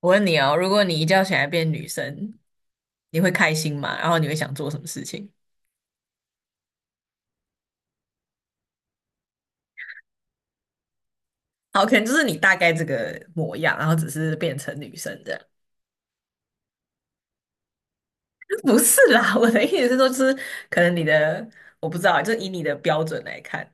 我问你哦，如果你一觉醒来变女生，你会开心吗？然后你会想做什么事情？好，可能就是你大概这个模样，然后只是变成女生这样。不是啦，我的意思是说，就是可能你的，我不知道，就以你的标准来看，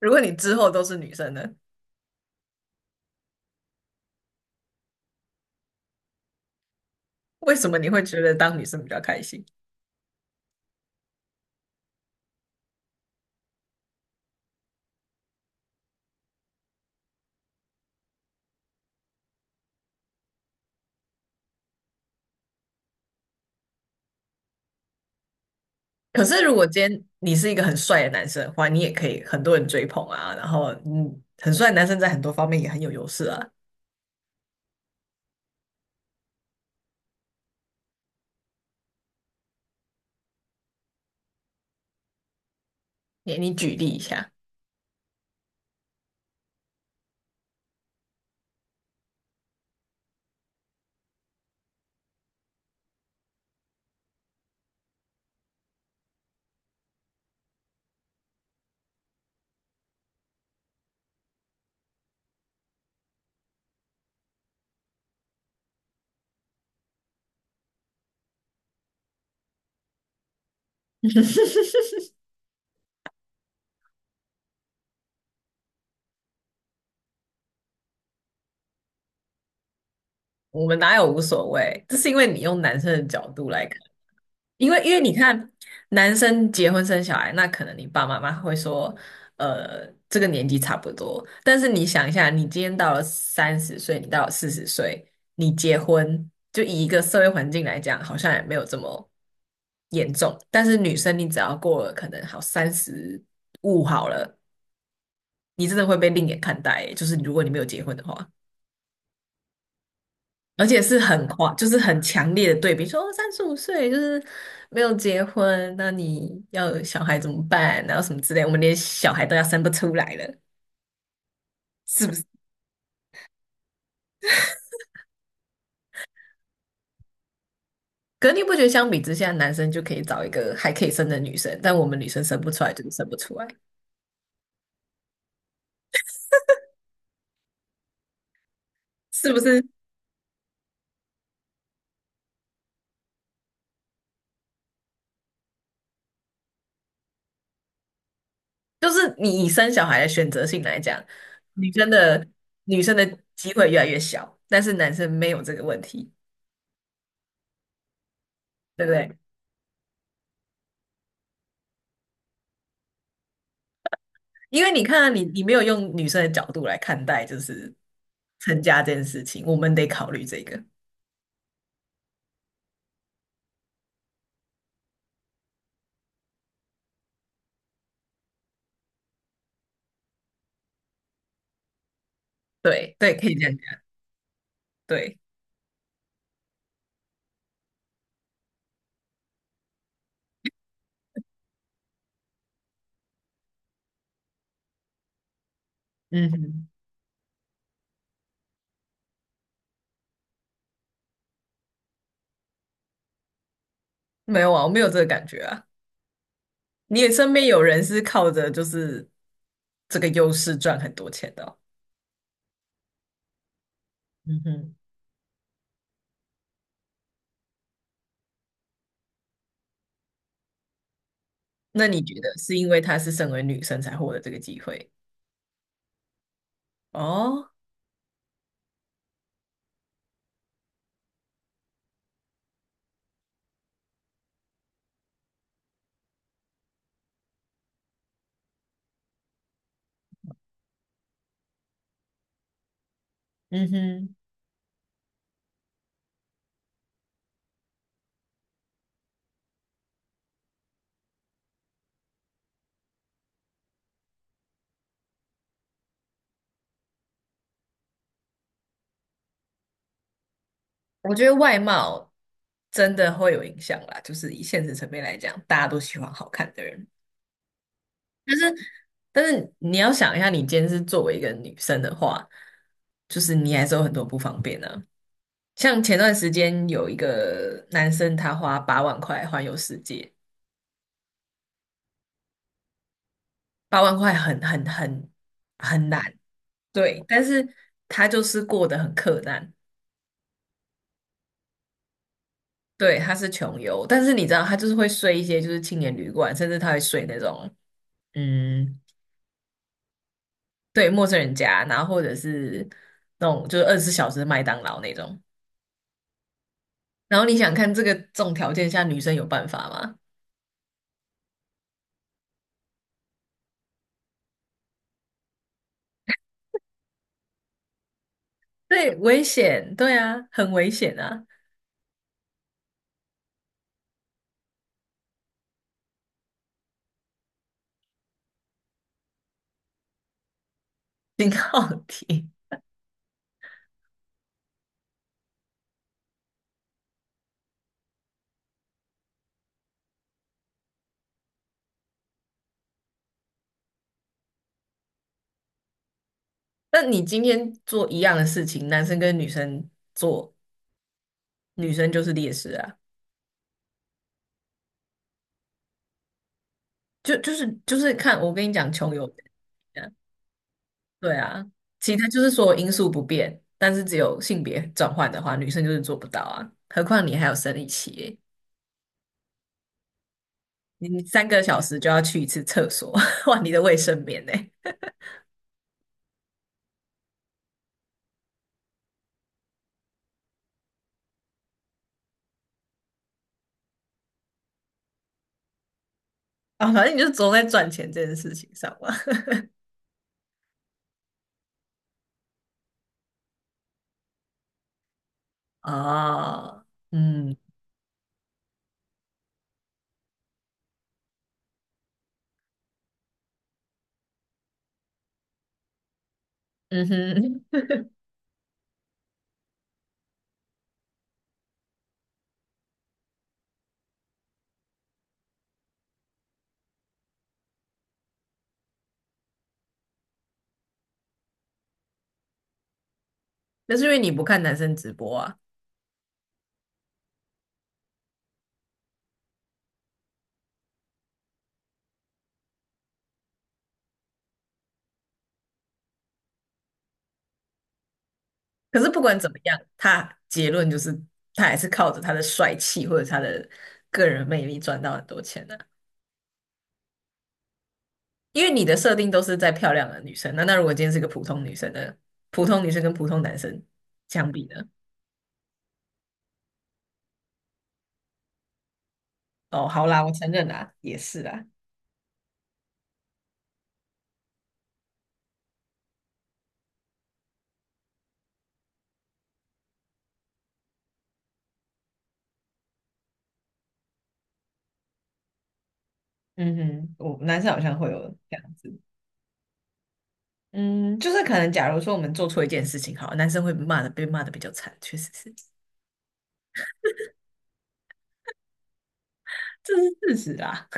如果你之后都是女生呢，为什么你会觉得当女生比较开心？可是如果今天你是一个很帅的男生的话，你也可以很多人追捧啊，然后很帅的男生在很多方面也很有优势啊。你举例一下。我们哪有无所谓？这是因为你用男生的角度来看，因为你看男生结婚生小孩，那可能你爸妈妈会说，这个年纪差不多。但是你想一下，你今天到了30岁，你到了40岁，你结婚，就以一个社会环境来讲，好像也没有这么严重。但是女生，你只要过了可能好三十五好了，你真的会被另眼看待欸，就是如果你没有结婚的话。而且是很夸，就是很强烈的对比，说哦35岁就是没有结婚，那你要有小孩怎么办？然后什么之类，我们连小孩都要生不出来了，是不是？可是你不觉得相比之下，男生就可以找一个还可以生的女生，但我们女生生不出来就是生不出来，是不是？就是你以生小孩的选择性来讲，女生的女生的机会越来越小，但是男生没有这个问题，对不对？因为你看啊你没有用女生的角度来看待就是成家这件事情，我们得考虑这个。对对，可以这样讲。对，嗯哼，没有啊，我没有这个感觉啊。你也身边有人是靠着就是这个优势赚很多钱的哦嗯哼，那你觉得是因为她是身为女生才获得这个机会？哦，嗯哼，我觉得外貌真的会有影响啦，就是以现实层面来讲，大家都喜欢好看的人。但是你要想一下，你今天是作为一个女生的话，就是你还是有很多不方便呢。像前段时间有一个男生，他花八万块环游世界，八万块很难，对，但是他就是过得很克难，对，他是穷游，但是你知道，他就是会睡一些就是青年旅馆，甚至他会睡那种嗯，对，陌生人家，然后或者是那种就是24小时麦当劳那种。然后你想看这个这种条件下，女生有办法吗？对，危险，对啊，很危险啊，挺好题。那你今天做一样的事情，男生跟女生做，女生就是劣势啊，就是看我跟你讲，穷游啊，对啊，其他就是说因素不变，但是只有性别转换的话，女生就是做不到啊。何况你还有生理期耶，你3个小时就要去一次厕所，换你的卫生棉呢。啊，反正你就总在赚钱这件事情上嘛。啊，嗯 嗯哼，那是因为你不看男生直播啊。可是不管怎么样，他结论就是他还是靠着他的帅气或者他的个人魅力赚到很多钱的、因为你的设定都是在漂亮的女生，那如果今天是个普通女生呢？普通女生跟普通男生相比呢？哦，好啦，我承认啦，也是啦。嗯哼，我男生好像会有这样子。嗯，就是可能，假如说我们做错一件事情，好了男生会骂的，被骂的比较惨，确实是，这是事实啦。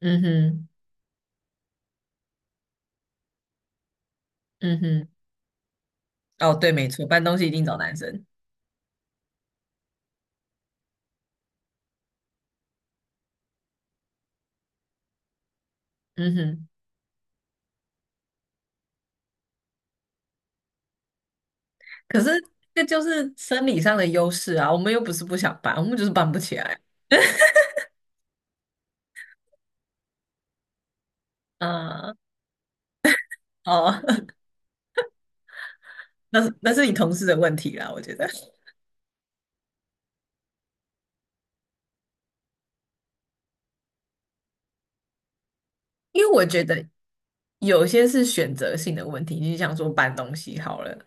嗯哼，嗯哼，哦，对，没错，搬东西一定找男生。嗯哼，可是这就是生理上的优势啊，我们又不是不想搬，我们就是搬不起来。啊、哦，那是你同事的问题啦，我觉得。因为我觉得有些是选择性的问题，你就想说搬东西好了，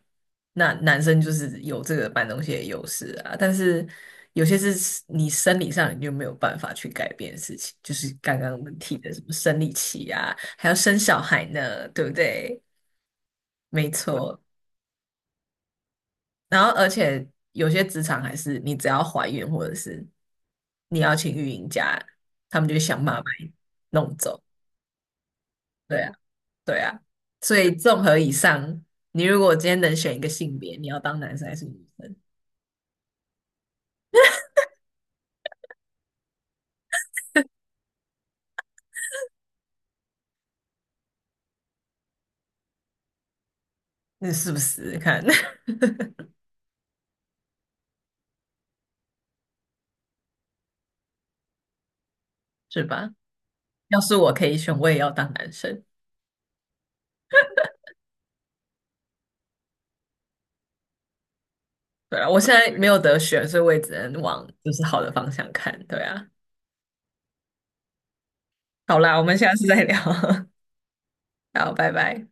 那男生就是有这个搬东西的优势啊，但是有些是你生理上你就没有办法去改变的事情，就是刚刚我们提的什么生理期啊，还要生小孩呢，对不对？没错，然后而且有些职场还是你只要怀孕或者是你要请育婴假，他们就想办法把你弄走。对啊。对啊，所以综合以上，你如果今天能选一个性别，你要当男生还是女生？你是不是看 是吧？要是我可以选，我也要当男生。对啊，我现在没有得选，所以我也只能往就是好的方向看。对啊，好啦，我们下次再聊。好，拜拜。